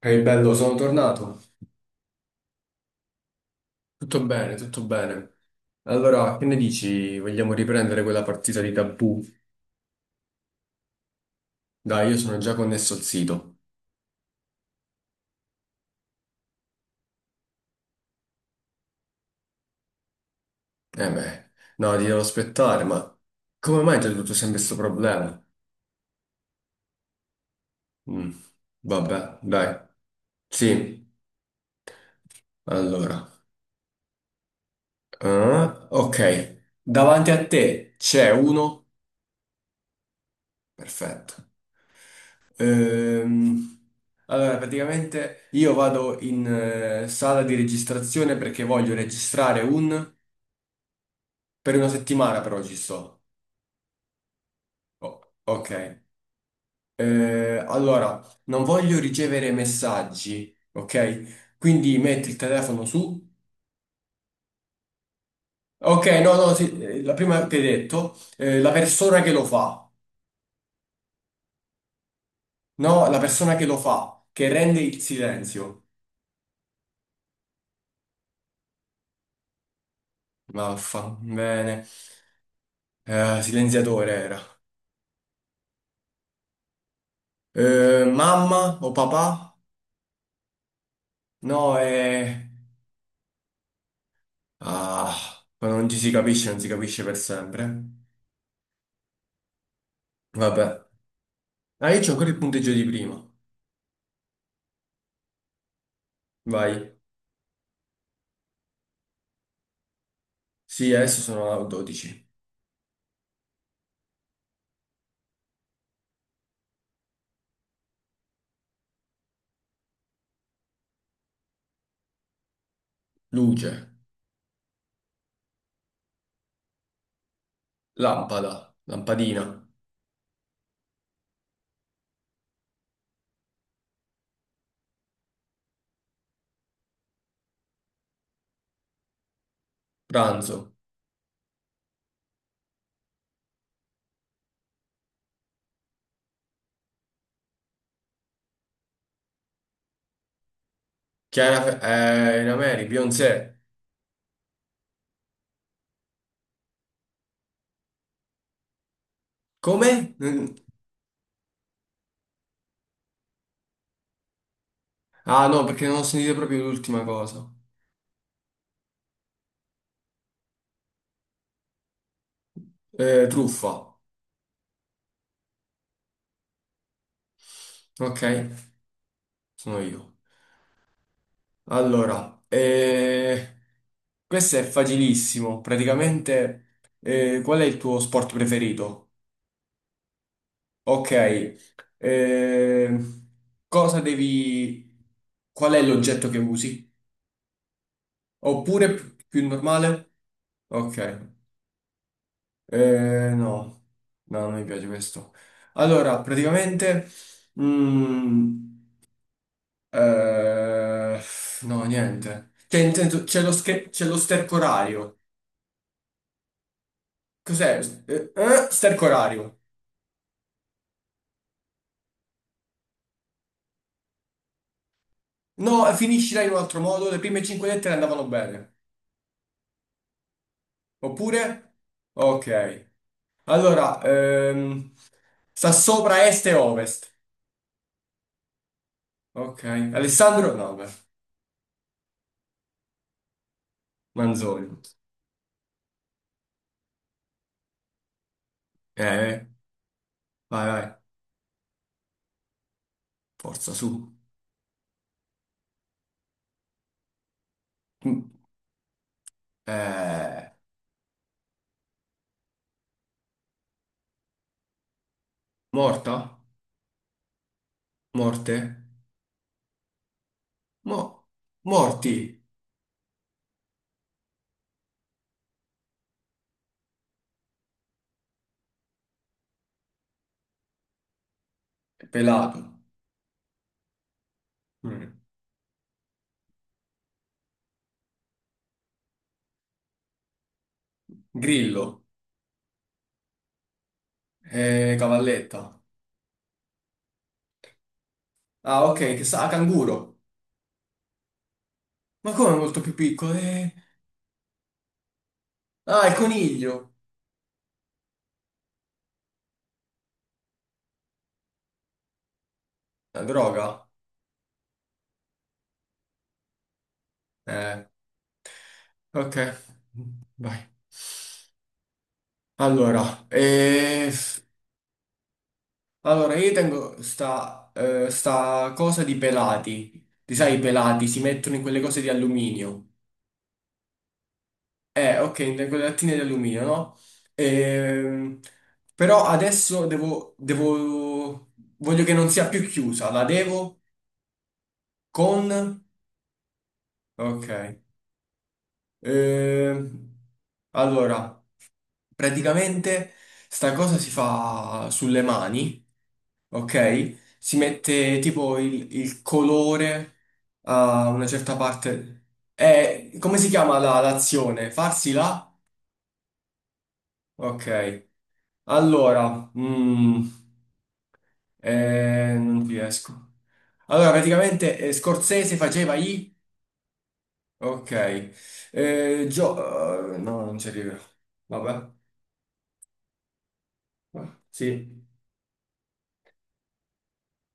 Ehi bello, sono tornato. Tutto bene, tutto bene. Allora, che ne dici? Vogliamo riprendere quella partita di tabù? Dai, io sono già connesso al sito. Eh beh, no, ti devo aspettare, ma come mai c'è tutto sempre questo problema? Mm, vabbè, dai. Sì, allora. Ah, ok, davanti a te c'è uno. Perfetto. Ehm, allora, praticamente io vado in sala di registrazione perché voglio registrare un. Per una settimana però ci sto. Oh, ok. Allora, non voglio ricevere messaggi, ok? Quindi metti il telefono su. Ok, no, no, sì, la prima che hai detto, la persona che lo fa. No, la persona che lo fa, che rende il silenzio. Maffa, bene. Silenziatore era. Mamma o papà? No. Ah, quando non ci si capisce, non si capisce per sempre. Vabbè. Ah, io c'ho ancora il punteggio di prima. Vai. Sì, adesso sono a 12. Luce, lampada, lampadina, pranzo. Chiara Fe- in America, Beyoncé. Come? Mm. Ah, no, perché non ho sentito proprio l'ultima cosa. Truffa. Ok, sono io. Allora, questo è facilissimo. Praticamente, qual è il tuo sport preferito? Ok, eh, cosa devi. Qual è l'oggetto che usi? Oppure più normale? Ok, no, no, non mi piace questo. Allora, praticamente, mm, eh, no, niente. Cioè, intendo, c'è lo sterco orario. Cos'è? Sterco orario. No, finiscila in un altro modo, le prime cinque lettere andavano bene. Oppure? Ok. Allora, sta sopra est e ovest. Ok. Alessandro? No, beh, Manzoni. Eh, Vai, vai, forza, su. Mm. Eh, Morta? Morte? Mo- morti? Pelato. Mm. Grillo? Cavalletta. Ah, ok, che sa, canguro. Ma come è molto più piccolo? Ah, il coniglio. La droga. Eh, ok. Vai. Allora, io tengo sta, sta cosa di pelati. Ti sai, i pelati si mettono in quelle cose di alluminio. Ok, in quelle lattine di alluminio, no? Ehm, Però adesso devo. Voglio che non sia più chiusa. La devo con. Ok. Ehm, allora. Praticamente sta cosa si fa sulle mani, ok? Si mette tipo il colore a una certa parte. Come si chiama l'azione? Farsi la? Ok. Allora, non riesco. Allora, praticamente Scorsese faceva i. Ok. No, non ci arrivo. Vabbè. Sì.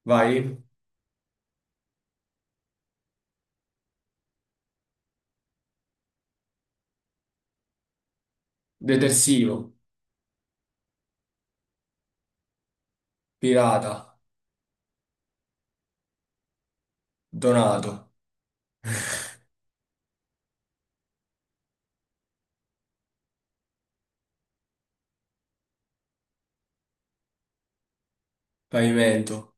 Vai. Detersivo. Pirata. Donato, pavimento,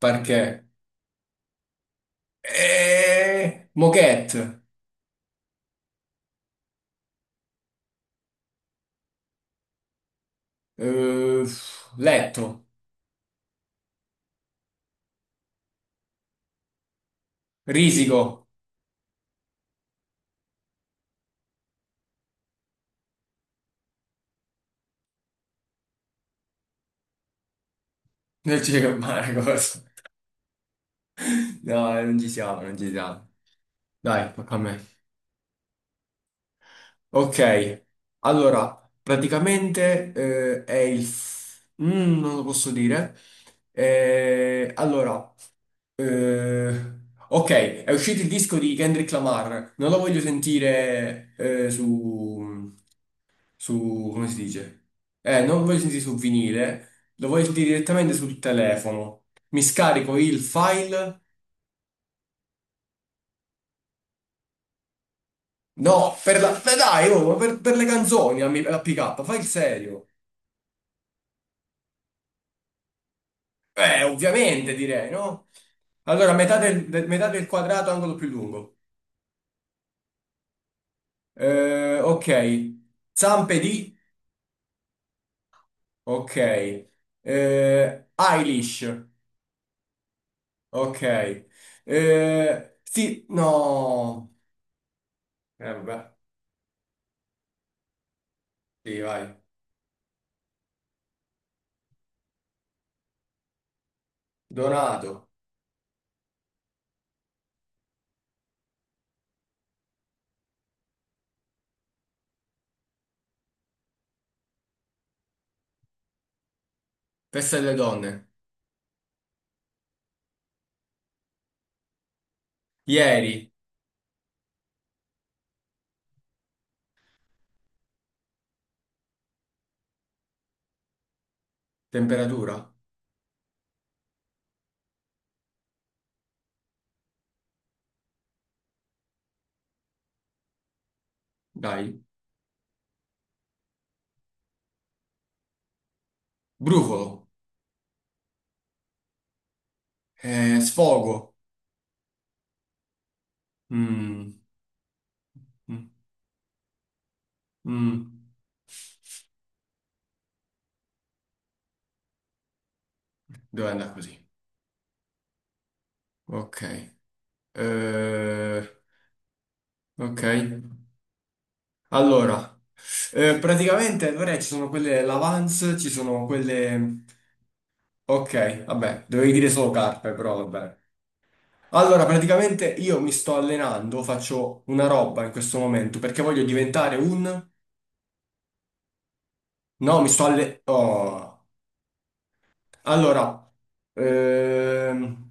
parquet, moquette, eh, letto, risico. Non ci credo, Marco. No, non ci siamo, non ci siamo. Dai, tocca a me. Ok, allora, praticamente è il. Non lo posso dire. Allora, eh, ok, è uscito il disco di Kendrick Lamar. Non lo voglio sentire su. Su, come si dice? Non voglio sentire su vinile, lo voglio sentire direttamente sul telefono. Mi scarico il file. No, per la. Beh, dai, oh, ma per le canzoni, la PK, fai il serio. Ovviamente direi, no? Allora, metà del quadrato, angolo più lungo. Ok. Zampe di. Ok. Eilish. Ok. Sì, no. Vabbè. Sì, vai. Donato. Testa delle donne. Ieri, temperatura. Dai. Brufolo. Sfogo. Mm, mm, mm. Dove andare così? Ok. Eh, ok. Allora, praticamente allora, ci sono quelle Lavance, ci sono quelle. Ok, vabbè, dovevi dire solo carpe, però vabbè. Allora, praticamente io mi sto allenando, faccio una roba in questo momento perché voglio diventare un. No, mi sto allenando. Allora, ehm,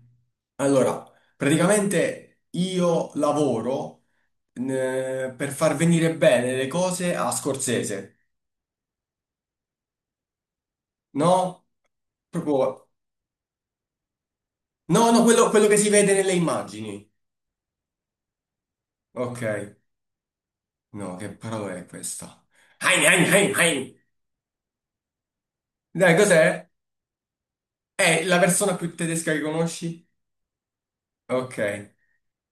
allora, praticamente io lavoro per far venire bene le cose a Scorsese, no? Proprio. No, no, quello che si vede nelle immagini. Ok, no, che parola è questa? Hein, hein, hein, hein. Dai, cos'è? È la persona più tedesca che conosci? Ok.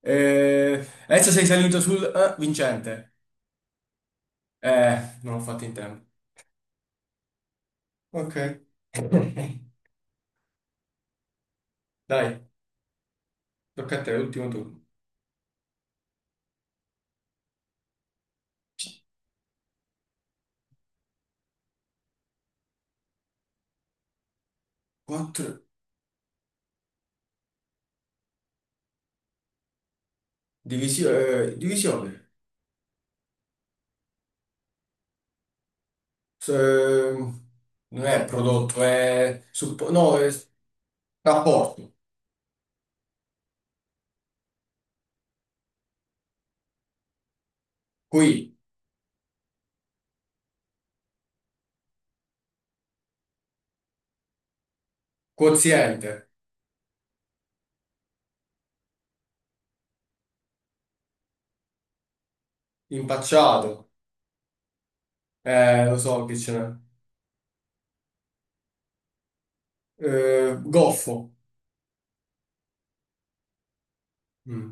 Adesso sei salito sul vincente. Non ho fatto in tempo. Ok. Dai, tocca a te, l'ultimo turno. 4. Divisione. Divisione. S- ehm, Non è prodotto, no, è rapporto. Qui, quoziente, impacciato. Lo so che ce n'è. Goffo. Mm.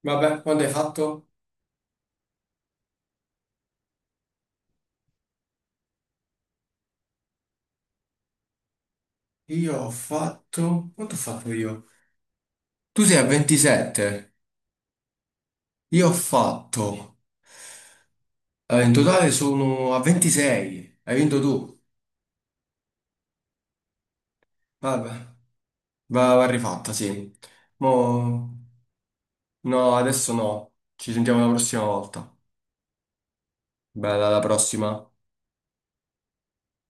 Vabbè, quanto hai fatto? Io ho fatto. Quanto ho fatto io? Tu sei a 27. Io ho fatto, in totale sono a 26. Hai vinto tu. Vabbè. Va rifatta, sì. Mo. No, adesso no. Ci sentiamo la prossima volta. Bella, alla prossima.